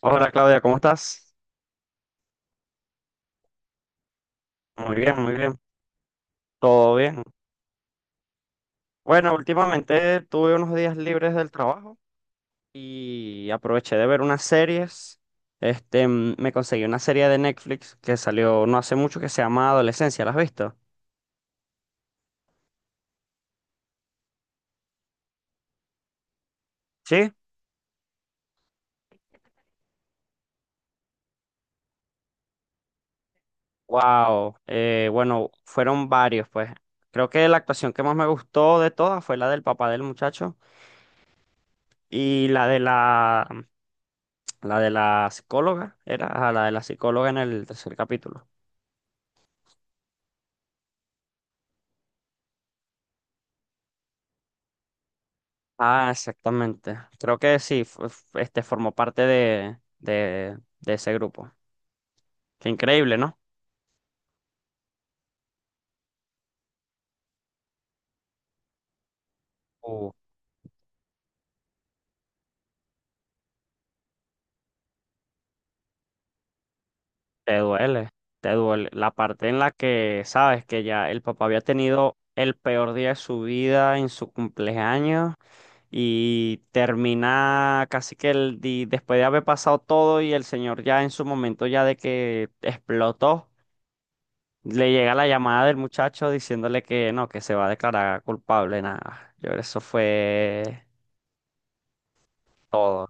Hola Claudia, ¿cómo estás? Muy bien, todo bien. Bueno, últimamente tuve unos días libres del trabajo y aproveché de ver unas series. Este, me conseguí una serie de Netflix que salió no hace mucho que se llama Adolescencia, ¿la has visto? Sí. Wow. Bueno, fueron varios, pues. Creo que la actuación que más me gustó de todas fue la del papá del muchacho y la de la psicóloga, era ajá, la de la psicóloga en el tercer capítulo. Ah, exactamente. Creo que sí, este formó parte de ese grupo. Qué increíble, ¿no? Uh, Te duele, te duele. La parte en la que sabes que ya el papá había tenido el peor día de su vida en su cumpleaños y termina casi que después de haber pasado todo y el señor ya en su momento ya de que explotó. Le llega la llamada del muchacho diciéndole que no, que se va a declarar culpable, nada. Creo que eso fue todo.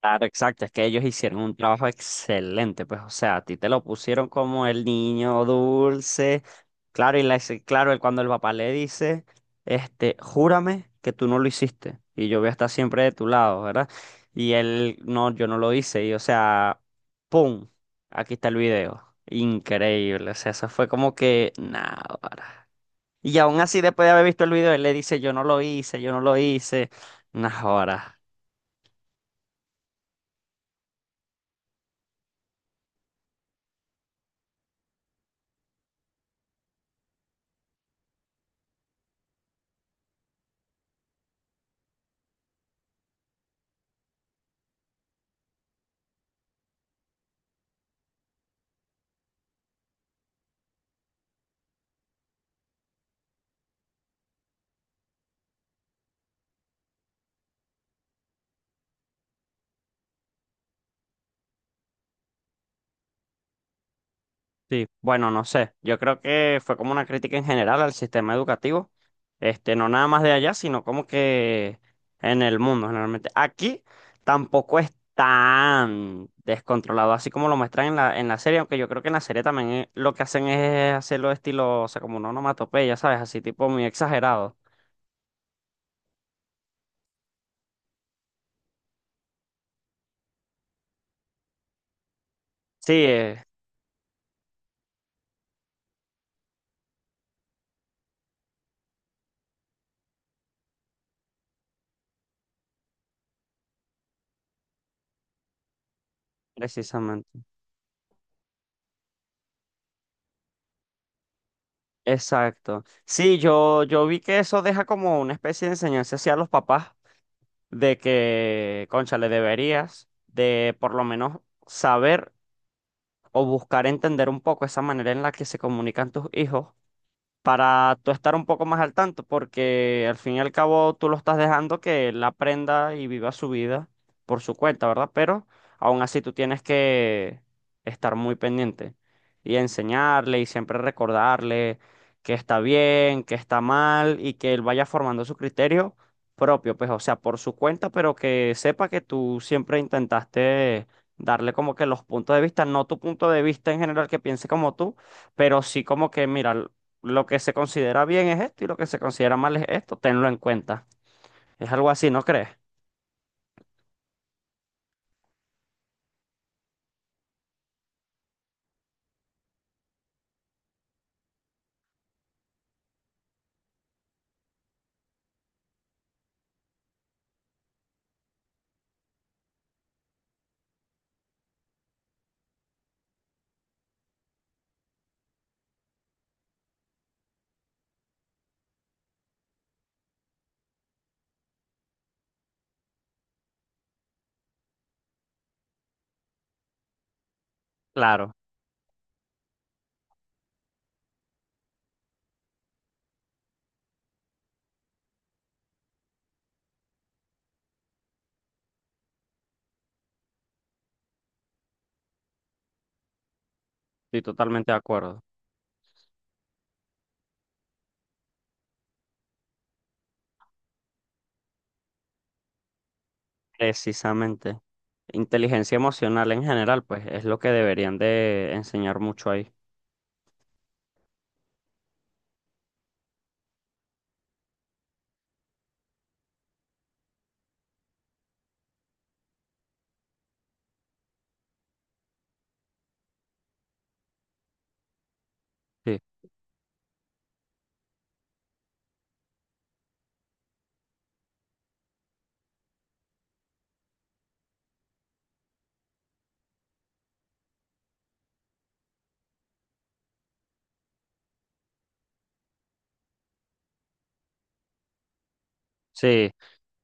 Claro, exacto, es que ellos hicieron un trabajo excelente, pues, o sea, a ti te lo pusieron como el niño dulce. Claro, y claro, cuando el papá le dice, este, júrame que tú no lo hiciste y yo voy a estar siempre de tu lado, ¿verdad? Y él, no, yo no lo hice, y o sea, ¡pum! Aquí está el video. Increíble, o sea, eso fue como que, nada. Y aún así, después de haber visto el video, él le dice, yo no lo hice, yo no lo hice. Unas horas. Sí, bueno, no sé. Yo creo que fue como una crítica en general al sistema educativo. Este, no nada más de allá, sino como que en el mundo, generalmente. Aquí tampoco es tan descontrolado, así como lo muestran en la serie, aunque yo creo que en la serie también lo que hacen es hacerlo estilo, o sea, como una onomatopeya, ¿sabes? Así tipo muy exagerado. Sí, precisamente. Exacto. Sí, yo vi que eso deja como una especie de enseñanza hacia los papás de que, concha, le deberías de por lo menos saber o buscar entender un poco esa manera en la que se comunican tus hijos para tú estar un poco más al tanto, porque al fin y al cabo tú lo estás dejando que él aprenda y viva su vida por su cuenta, ¿verdad? Pero aún así tú tienes que estar muy pendiente y enseñarle y siempre recordarle que está bien, que está mal y que él vaya formando su criterio propio, pues o sea, por su cuenta, pero que sepa que tú siempre intentaste darle como que los puntos de vista, no tu punto de vista en general que piense como tú, pero sí como que, mira, lo que se considera bien es esto y lo que se considera mal es esto, tenlo en cuenta. Es algo así, ¿no crees? Claro, estoy totalmente de acuerdo. Precisamente. Inteligencia emocional en general, pues es lo que deberían de enseñar mucho ahí. Sí, sí,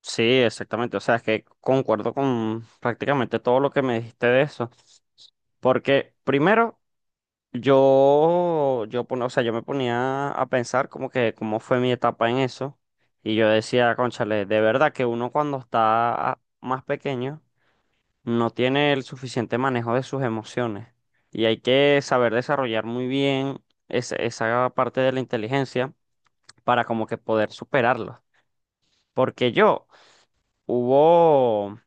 sí, exactamente. O sea, es que concuerdo con prácticamente todo lo que me dijiste de eso. Porque primero... O sea, yo me ponía a pensar como que cómo fue mi etapa en eso. Y yo decía, cónchale, de verdad que uno cuando está más pequeño no tiene el suficiente manejo de sus emociones. Y hay que saber desarrollar muy bien esa parte de la inteligencia para como que poder superarlo. Porque yo hubo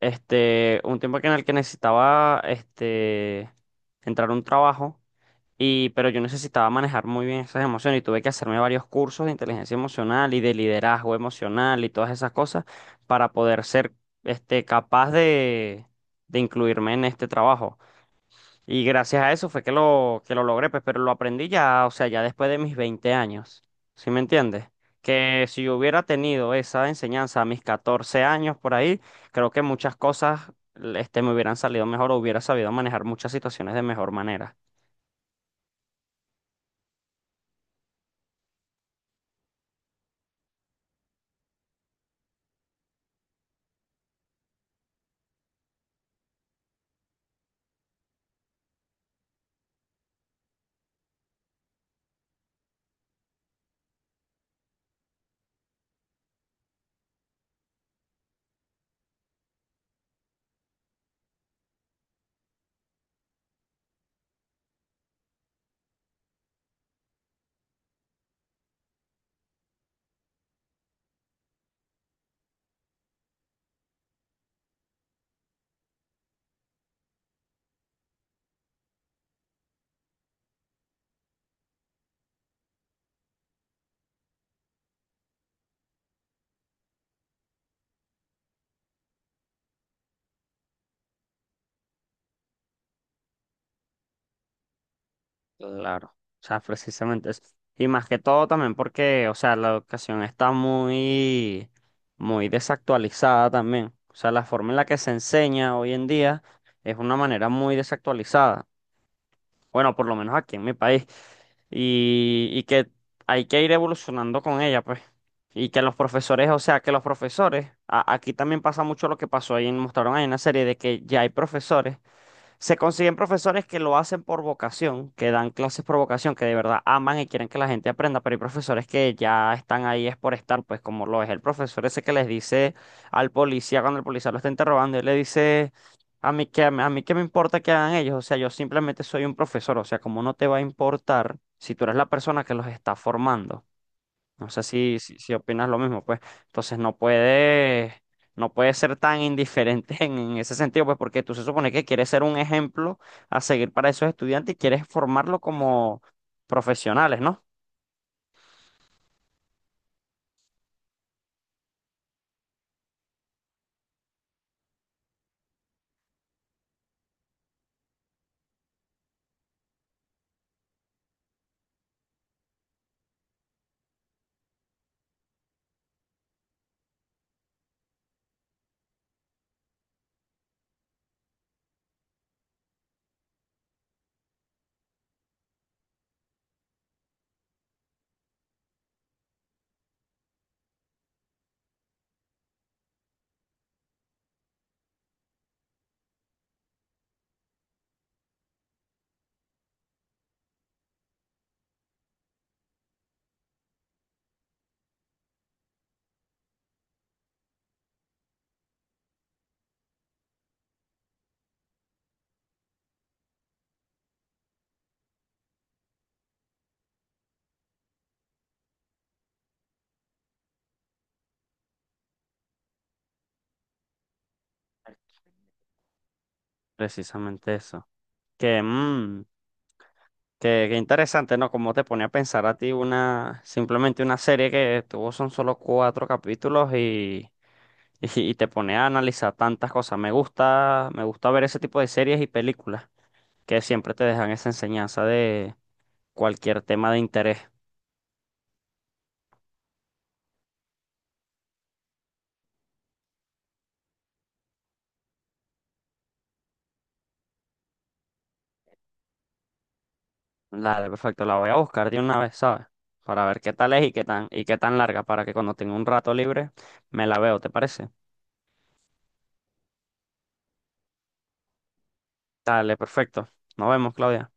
este un tiempo que en el que necesitaba este entrar a un trabajo y, pero yo necesitaba manejar muy bien esas emociones y tuve que hacerme varios cursos de inteligencia emocional y de liderazgo emocional y todas esas cosas para poder ser este, capaz de incluirme en este trabajo. Y gracias a eso fue que lo logré, pues, pero lo aprendí ya, o sea, ya después de mis 20 años. ¿Sí me entiendes? Que si yo hubiera tenido esa enseñanza a mis 14 años por ahí, creo que muchas cosas este, me hubieran salido mejor o hubiera sabido manejar muchas situaciones de mejor manera. Claro, o sea, precisamente eso. Y más que todo también porque, o sea, la educación está muy, muy desactualizada también. O sea, la forma en la que se enseña hoy en día es una manera muy desactualizada. Bueno, por lo menos aquí en mi país. Y que hay que ir evolucionando con ella, pues. Y que los profesores, o sea, que los profesores, aquí también pasa mucho lo que pasó ahí, mostraron ahí una serie de que ya hay profesores se consiguen profesores que lo hacen por vocación, que dan clases por vocación, que de verdad aman y quieren que la gente aprenda, pero hay profesores que ya están ahí es por estar, pues como lo es el profesor ese que les dice al policía cuando el policía lo está interrogando, él le dice, a mí qué me importa que hagan ellos, o sea, yo simplemente soy un profesor, o sea, como no te va a importar si tú eres la persona que los está formando? No sé si, si, si opinas lo mismo, pues. Entonces no puede, no puede ser tan indiferente en ese sentido, pues, porque tú se supone que quieres ser un ejemplo a seguir para esos estudiantes y quieres formarlo como profesionales, ¿no? Precisamente eso. Que, que interesante, ¿no? Como te pone a pensar a ti una, simplemente una serie que tuvo son solo cuatro capítulos y te pone a analizar tantas cosas. Me gusta ver ese tipo de series y películas que siempre te dejan esa enseñanza de cualquier tema de interés. Dale, perfecto, la voy a buscar de una vez, ¿sabes? Para ver qué tal es y y qué tan larga, para que cuando tenga un rato libre me la veo, ¿te parece? Dale, perfecto. Nos vemos, Claudia.